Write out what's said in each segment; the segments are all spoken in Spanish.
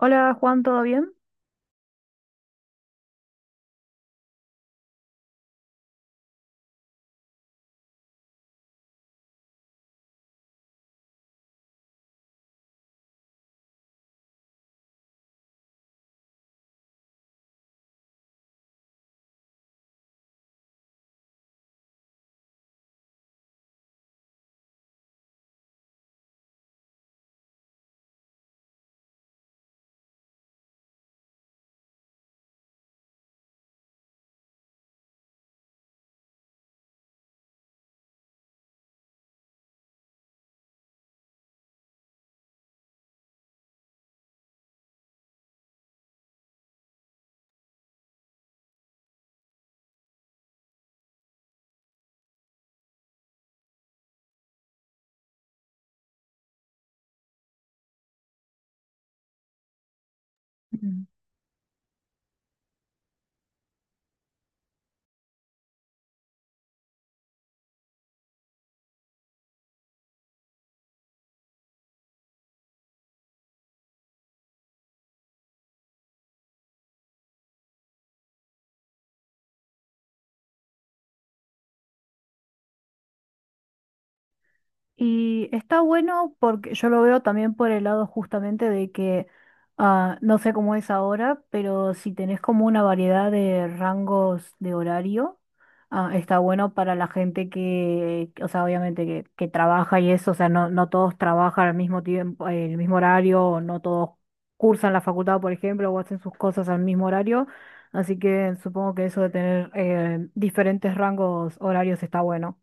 Hola Juan, ¿todo bien? Mm. Y está bueno porque yo lo veo también por el lado justamente de que no sé cómo es ahora, pero si tenés como una variedad de rangos de horario, está bueno para la gente que, o sea, obviamente que trabaja y eso, o sea, no, no todos trabajan al mismo tiempo, el mismo horario, o no todos cursan la facultad, por ejemplo, o hacen sus cosas al mismo horario, así que supongo que eso de tener diferentes rangos horarios está bueno.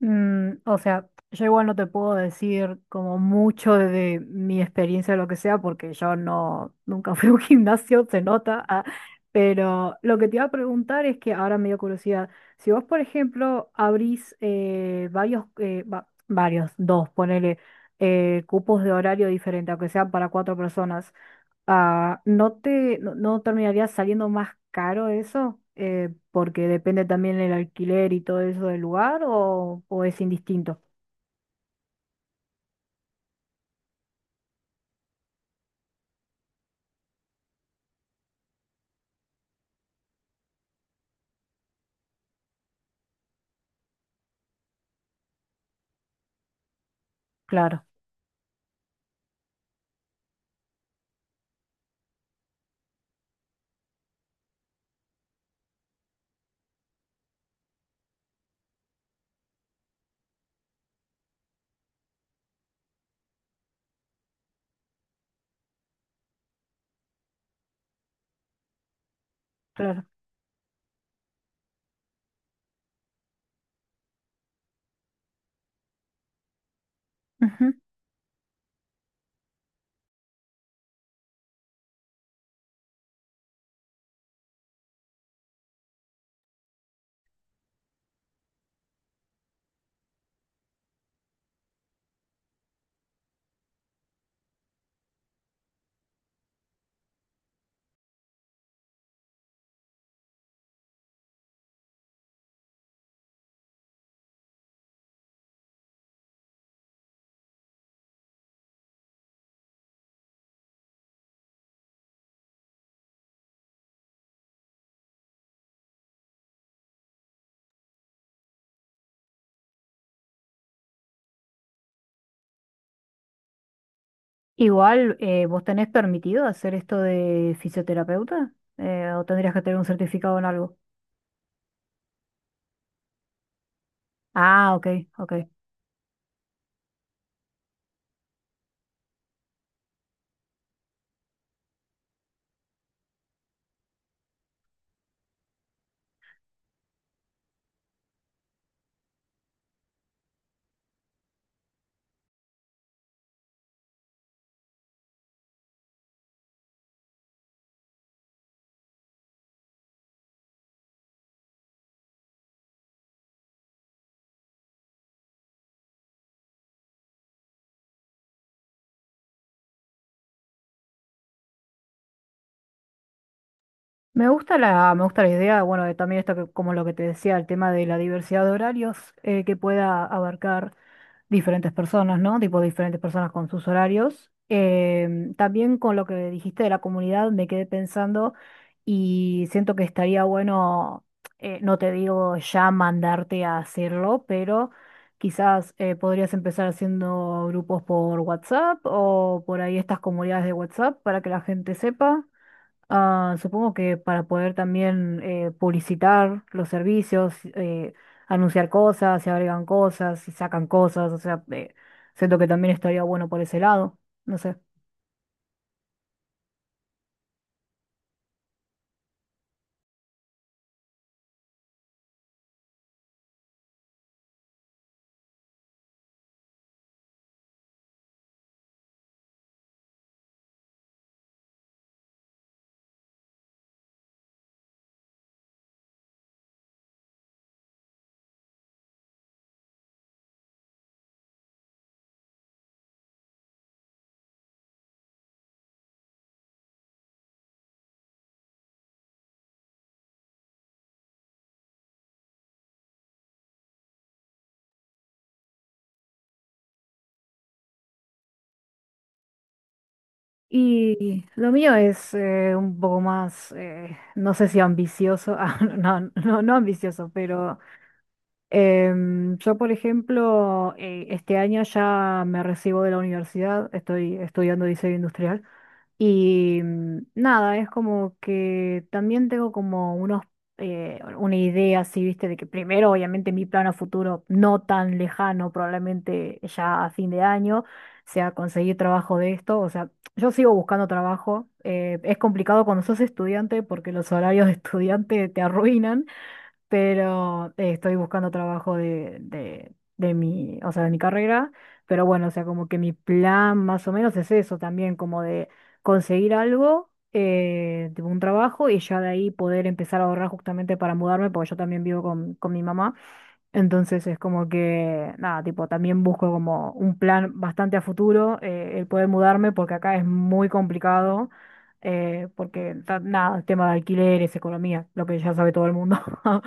Mm, o sea, yo igual no te puedo decir como mucho de mi experiencia o lo que sea, porque yo no, nunca fui a un gimnasio, se nota, ah, pero lo que te iba a preguntar es que ahora me dio curiosidad, si vos, por ejemplo, abrís varios, varios, dos, ponele, cupos de horario diferente, aunque sea para cuatro personas. Ah, ¿no te, no, no terminaría saliendo más caro eso? Porque depende también el alquiler y todo eso del lugar o es indistinto. Claro, claro. Ujú. Igual, ¿vos tenés permitido hacer esto de fisioterapeuta? ¿O tendrías que tener un certificado en algo? Ah, ok, ok. Me gusta me gusta la idea, bueno, de también esto que, como lo que te decía, el tema de la diversidad de horarios, que pueda abarcar diferentes personas, ¿no? Tipo diferentes personas con sus horarios. También con lo que dijiste de la comunidad me quedé pensando y siento que estaría bueno, no te digo ya mandarte a hacerlo, pero quizás podrías empezar haciendo grupos por WhatsApp o por ahí estas comunidades de WhatsApp para que la gente sepa. Ah, supongo que para poder también publicitar los servicios, anunciar cosas, se agregan cosas, se sacan cosas, o sea, siento que también estaría bueno por ese lado, no sé. Y lo mío es un poco más, no sé si ambicioso, ah, no, no, no ambicioso, pero yo, por ejemplo, este año ya me recibo de la universidad, estoy estudiando diseño industrial. Y mm, nada, es como que también tengo como unos, una idea así, viste, de que primero, obviamente, mi plan a futuro no tan lejano, probablemente ya a fin de año, sea conseguir trabajo de esto. O sea, yo sigo buscando trabajo. Eh, es complicado cuando sos estudiante porque los horarios de estudiante te arruinan, pero estoy buscando trabajo de mi, o sea, de mi carrera, pero bueno, o sea, como que mi plan más o menos es eso también, como de conseguir algo, tipo un trabajo y ya de ahí poder empezar a ahorrar justamente para mudarme, porque yo también vivo con mi mamá, entonces es como que, nada, tipo, también busco como un plan bastante a futuro, el poder mudarme, porque acá es muy complicado. Porque nada, el tema de alquileres, economía, lo que ya sabe todo el mundo.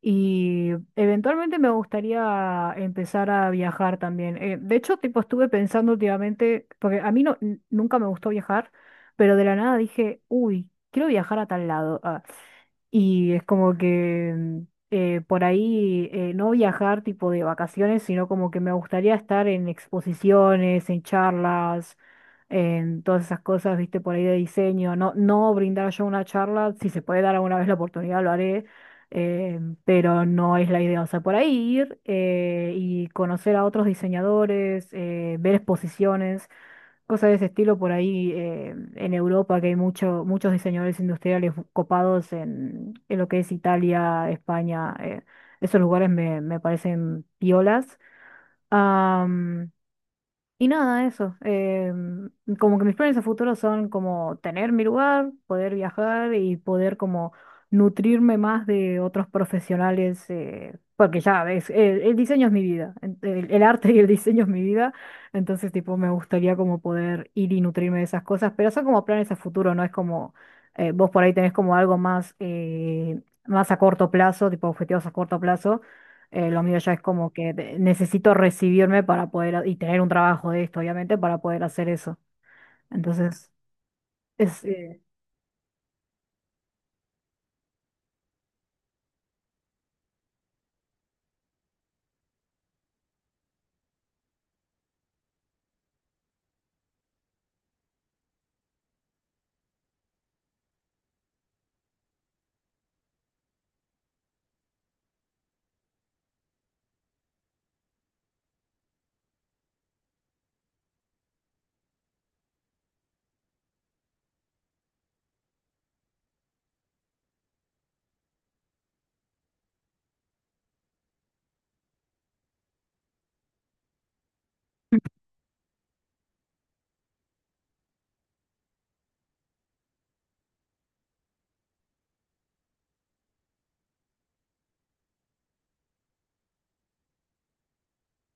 Y eventualmente me gustaría empezar a viajar también. De hecho, tipo, estuve pensando últimamente, porque a mí no, nunca me gustó viajar, pero de la nada dije, uy, quiero viajar a tal lado. Ah, y es como que mm, por ahí no viajar tipo de vacaciones, sino como que me gustaría estar en exposiciones, en charlas, en todas esas cosas, viste, por ahí de diseño. No, no brindar yo una charla, si se puede dar alguna vez la oportunidad, lo haré, eh, pero no es la idea. O sea, por ahí ir y conocer a otros diseñadores, ver exposiciones, cosas de ese estilo por ahí en Europa, que hay mucho, muchos diseñadores industriales copados en lo que es Italia, España, esos lugares me parecen piolas. Y nada, eso. Como que mis planes a futuro son como tener mi lugar, poder viajar y poder como nutrirme más de otros profesionales, porque ya ves, el diseño es mi vida, el arte y el diseño es mi vida, entonces tipo me gustaría como poder ir y nutrirme de esas cosas, pero son como planes a futuro, no es como vos por ahí tenés como algo más, más a corto plazo, tipo objetivos a corto plazo. Lo mío ya es como que necesito recibirme para poder y tener un trabajo de esto, obviamente, para poder hacer eso. Entonces, es,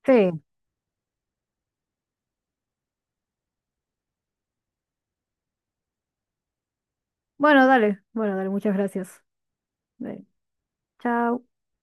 sí. Bueno, dale. Bueno, dale, muchas gracias. Dale. Chao.